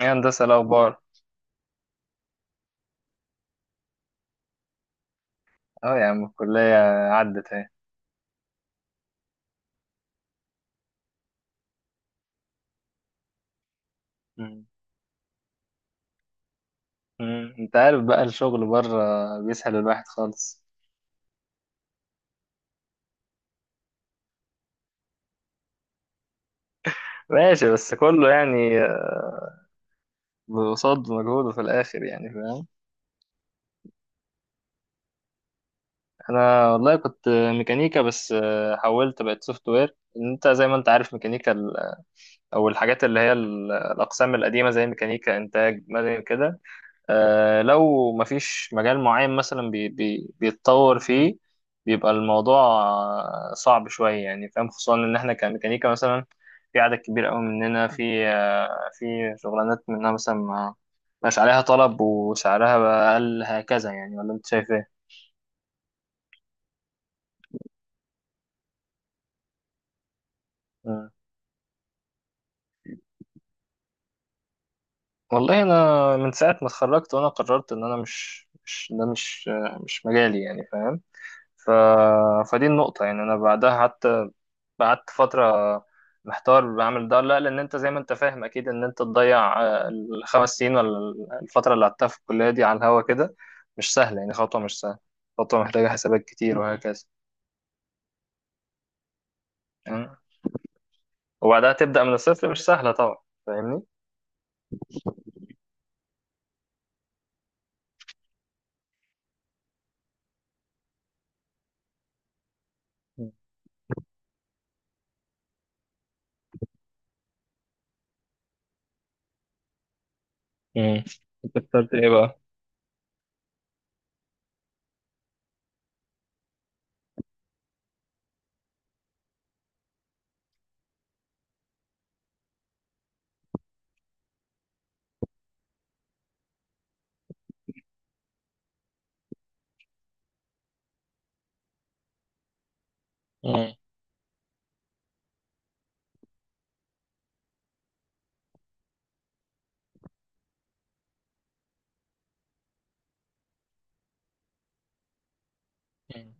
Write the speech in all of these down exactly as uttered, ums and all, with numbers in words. ايه هندسة الأخبار؟ اه يا عم الكلية، عدت اهي. مم. مم. انت عارف بقى الشغل بره بيسحل الواحد خالص. ماشي، بس كله يعني قصاد مجهوده في الآخر، يعني فاهم. أنا والله كنت ميكانيكا، بس حولت بقت سوفت وير. انت زي ما انت عارف، ميكانيكا ال- او الحاجات اللي هي ال- الأقسام القديمة زي ميكانيكا إنتاج مدني كده. آه، لو مفيش مجال معين مثلا بي بي بيتطور فيه، بيبقى الموضوع آه، صعب شوية، يعني فاهم. خصوصا إن إحنا كميكانيكا مثلا في عدد كبير أوي مننا في آه، في شغلانات منها مثلا ما مش عليها طلب وسعرها بقى أقل هكذا، يعني ولا أنت شايف إيه؟ مم. والله أنا من ساعة ما اتخرجت وأنا قررت إن أنا مش مش ده مش آه، مش مجالي، يعني فاهم؟ ف... فدي النقطة، يعني أنا بعدها حتى قعدت فترة محتار بعمل ده ولا لا، لأن أنت زي ما أنت فاهم أكيد إن أنت تضيع آه، الخمس سنين ولا الفترة اللي قعدتها في الكلية دي على الهوا كده مش سهلة، يعني خطوة مش سهلة. خطوة محتاجة حسابات كتير وهكذا. مم. وبعدها تبدأ من الصفر، مش سهلة طبعا. فاهمني؟ مم. أنت اخترت إيه بقى؟ مم. مم.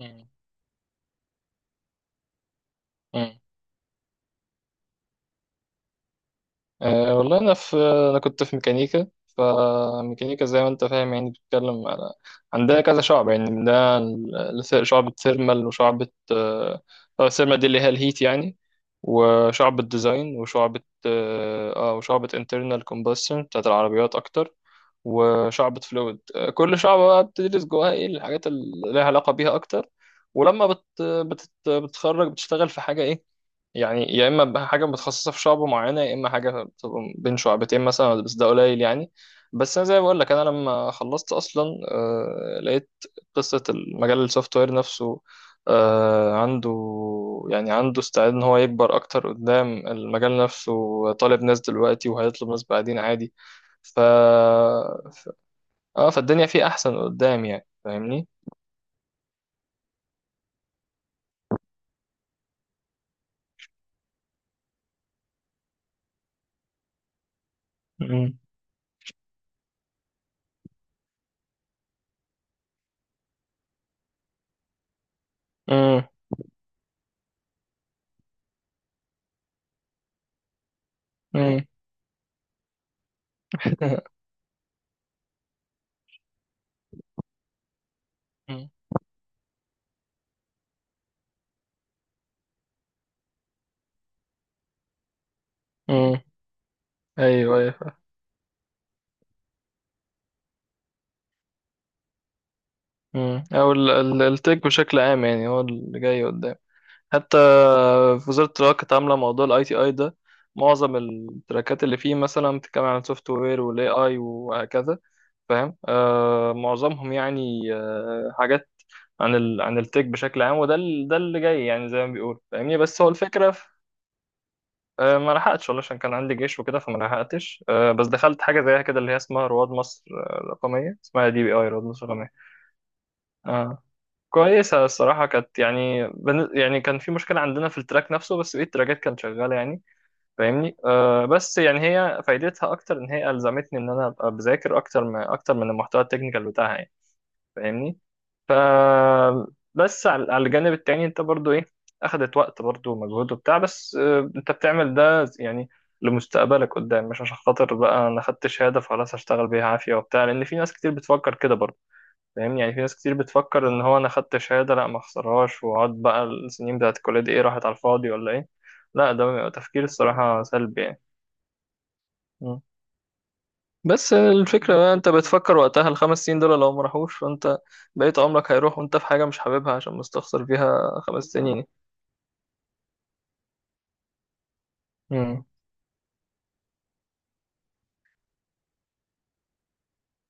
مم. مم. أه والله أنا في، أنا كنت في ميكانيكا. فميكانيكا زي ما أنت فاهم، يعني بتتكلم على، عندنا كذا شعب، يعني عندنا ال- الس- شعبة ثيرمال وشعبة آه، آه، الثيرمال دي اللي هي الهيت يعني، وشعبة ديزاين وشعبة، اه آه، وشعبة انترنال كومبشن بتاعت العربيات أكتر، وشعبة فلويد. كل شعبة بقى بتدرس جواها إيه الحاجات اللي لها علاقة بيها أكتر. ولما بت بت بتتخرج بتشتغل في حاجة إيه، يعني يا اما بقى حاجه متخصصه في شعبه معينه، يا اما حاجه بتبقى بين شعبتين مثلا، بس ده قليل يعني. بس انا زي ما بقول لك، انا لما خلصت اصلا آه، لقيت قصه المجال السوفت وير نفسه آه، عنده، يعني عنده استعداد ان هو يكبر اكتر. قدام المجال نفسه طالب ناس دلوقتي وهيطلب ناس بعدين عادي. ف ف- اه فالدنيا فيه احسن قدام، يعني فاهمني. امم امم امم ايوه، ايوه. مم. او ال- ال- التك بشكل عام، يعني هو اللي جاي قدام. حتى في وزارة التراك كانت عاملة موضوع الاي تي اي ده. معظم التراكات اللي فيه مثلا بتتكلم عن السوفت وير والاي اي وهكذا، فاهم. آه معظمهم يعني آه حاجات عن ال عن التك بشكل عام. وده ال- ده اللي جاي يعني زي ما بيقول، فاهمني. بس هو الفكرة في- آه ما لحقتش والله، عشان كان عندي جيش وكده، فما لحقتش آه بس دخلت حاجة زيها كده، اللي هي اسمها رواد مصر آه، الرقمية، اسمها دي بي اي رواد مصر الرقمية. آه. كويسة الصراحة، كانت يعني بن... يعني كان في مشكلة عندنا في التراك نفسه، بس بقية التراكات كانت شغالة يعني، فاهمني. أه بس يعني هي فايدتها أكتر إن هي ألزمتني إن أنا أبقى بذاكر أكتر، من أكتر من المحتوى التكنيكال بتاعها يعني، فاهمني. ف بس على على الجانب التاني أنت برضو إيه، أخدت وقت برضو ومجهود وبتاع، بس أه أنت بتعمل ده يعني لمستقبلك قدام، مش عشان خاطر بقى أنا خدت شهادة فخلاص هشتغل بيها عافية وبتاع، لأن في ناس كتير بتفكر كده برضو، فاهمني. يعني في ناس كتير بتفكر ان هو انا خدت شهاده، لا ما اخسرهاش، واقعد بقى السنين بتاعت الكليه دي ايه، راحت على الفاضي ولا ايه؟ لا، ده بيبقى تفكير الصراحه سلبي يعني. مم. بس الفكره بقى انت بتفكر وقتها الخمس سنين دول لو ما راحوش، فانت بقيت عمرك هيروح وانت في حاجه مش حاببها عشان مستخسر فيها خمس سنين. مم.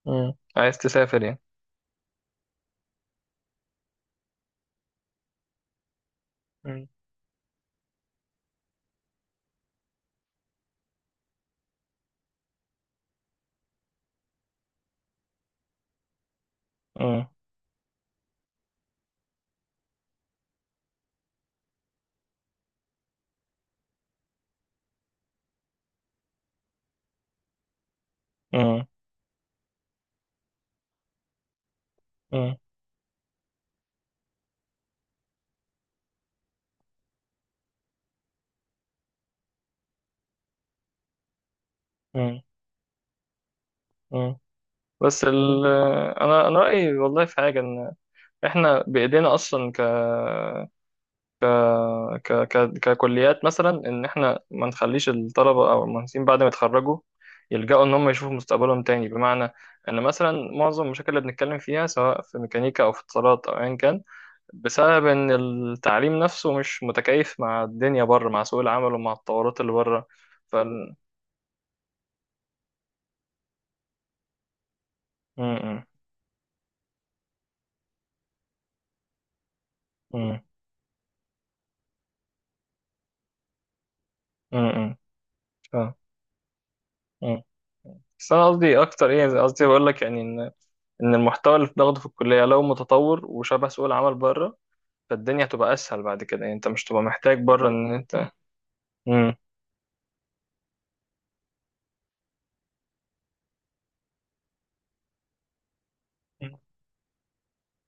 مم. عايز تسافر يعني. مم. مم. مم. مم. مم. مم. بس ال انا انا رايي والله في حاجه، ان احنا بايدينا اصلا ك ك ك ككليات مثلا، ان احنا ما نخليش الطلبه او المهندسين بعد ما يتخرجوا يلجأوا ان هم يشوفوا مستقبلهم تاني. بمعنى ان مثلا معظم المشاكل اللي بنتكلم فيها سواء في ميكانيكا او في اتصالات او ايا كان، بسبب ان التعليم نفسه مش متكيف مع الدنيا بره، مع سوق العمل ومع التطورات اللي بره. ف امم امم بس انا قصدي اكتر، ايه قصدي بقول لك، يعني ان ان المحتوى اللي بناخده في الكليه لو متطور وشبه سوق العمل بره، فالدنيا هتبقى اسهل بعد كده، يعني انت مش تبقى محتاج بره ان انت. مم.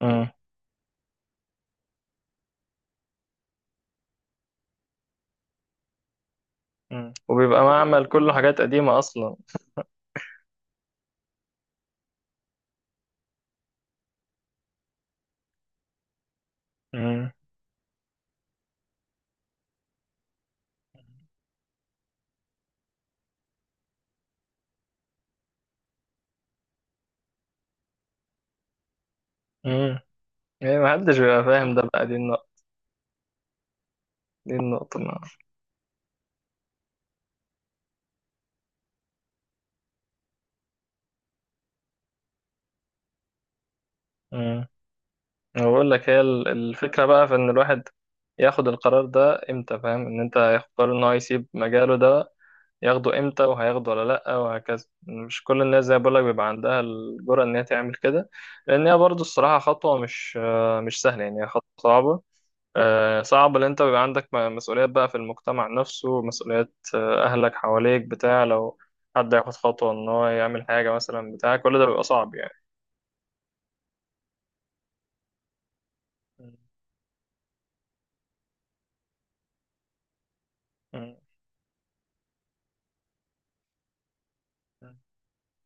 مم. مم. وبيبقى معمل كله حاجات قديمة اصلا. مم. مم. يعني محدش بيبقى فاهم ده بقى، دي النقطة، دي النقطة ما. مم. أنا بقول لك هي ال- الفكرة بقى في إن الواحد ياخد القرار ده إمتى، فاهم. إن أنت ياخد قرار إن هو يسيب مجاله ده ياخده إمتى وهياخده ولا لأ وهكذا. مش كل الناس زي ما بقول لك بيبقى عندها الجرأة إن هي تعمل كده، لأن هي برضه الصراحة خطوة مش آه، مش سهلة يعني، هي خطوة صعبة. آه، صعب ان انت بيبقى عندك م- مسؤوليات بقى في المجتمع نفسه، مسؤوليات آه، اهلك حواليك بتاع، لو حد ياخد خطوة ان هو يعمل حاجة مثلا بتاع، كل ده بيبقى صعب يعني. مم. مم.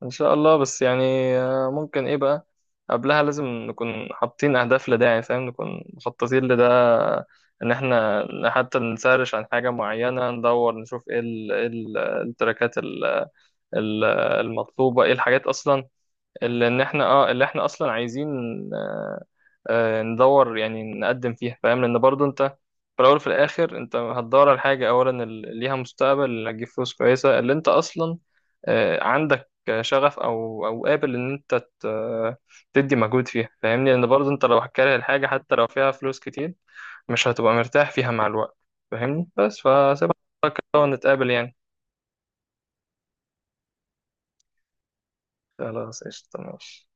ان شاء الله. بس يعني آه، ممكن ايه بقى، قبلها لازم نكون حاطين اهداف لده، يعني فاهم، نكون مخططين لده. ان احنا حتى نسرش عن حاجة معينة، ندور نشوف ايه ال- إيه ال- التراكات ال- ال- المطلوبة، ايه الحاجات اصلا اللي ان احنا اه اللي احنا اصلا عايزين. آه، آه، ندور يعني نقدم فيها، فاهم. لان برضو انت في الاول وفي الاخر انت هتدور على حاجه، اولا اللي ليها مستقبل، اللي هتجيب فلوس كويسه، اللي انت اصلا آه، عندك شغف، او او قابل ان انت ت- تدي مجهود فيها، فاهمني. لان برضو انت لو هتكره الحاجه حتى لو فيها فلوس كتير، مش هتبقى مرتاح فيها مع الوقت، فاهمني. بس فسيبها نتقابل يعني. خلاص، قشطة، ماشي.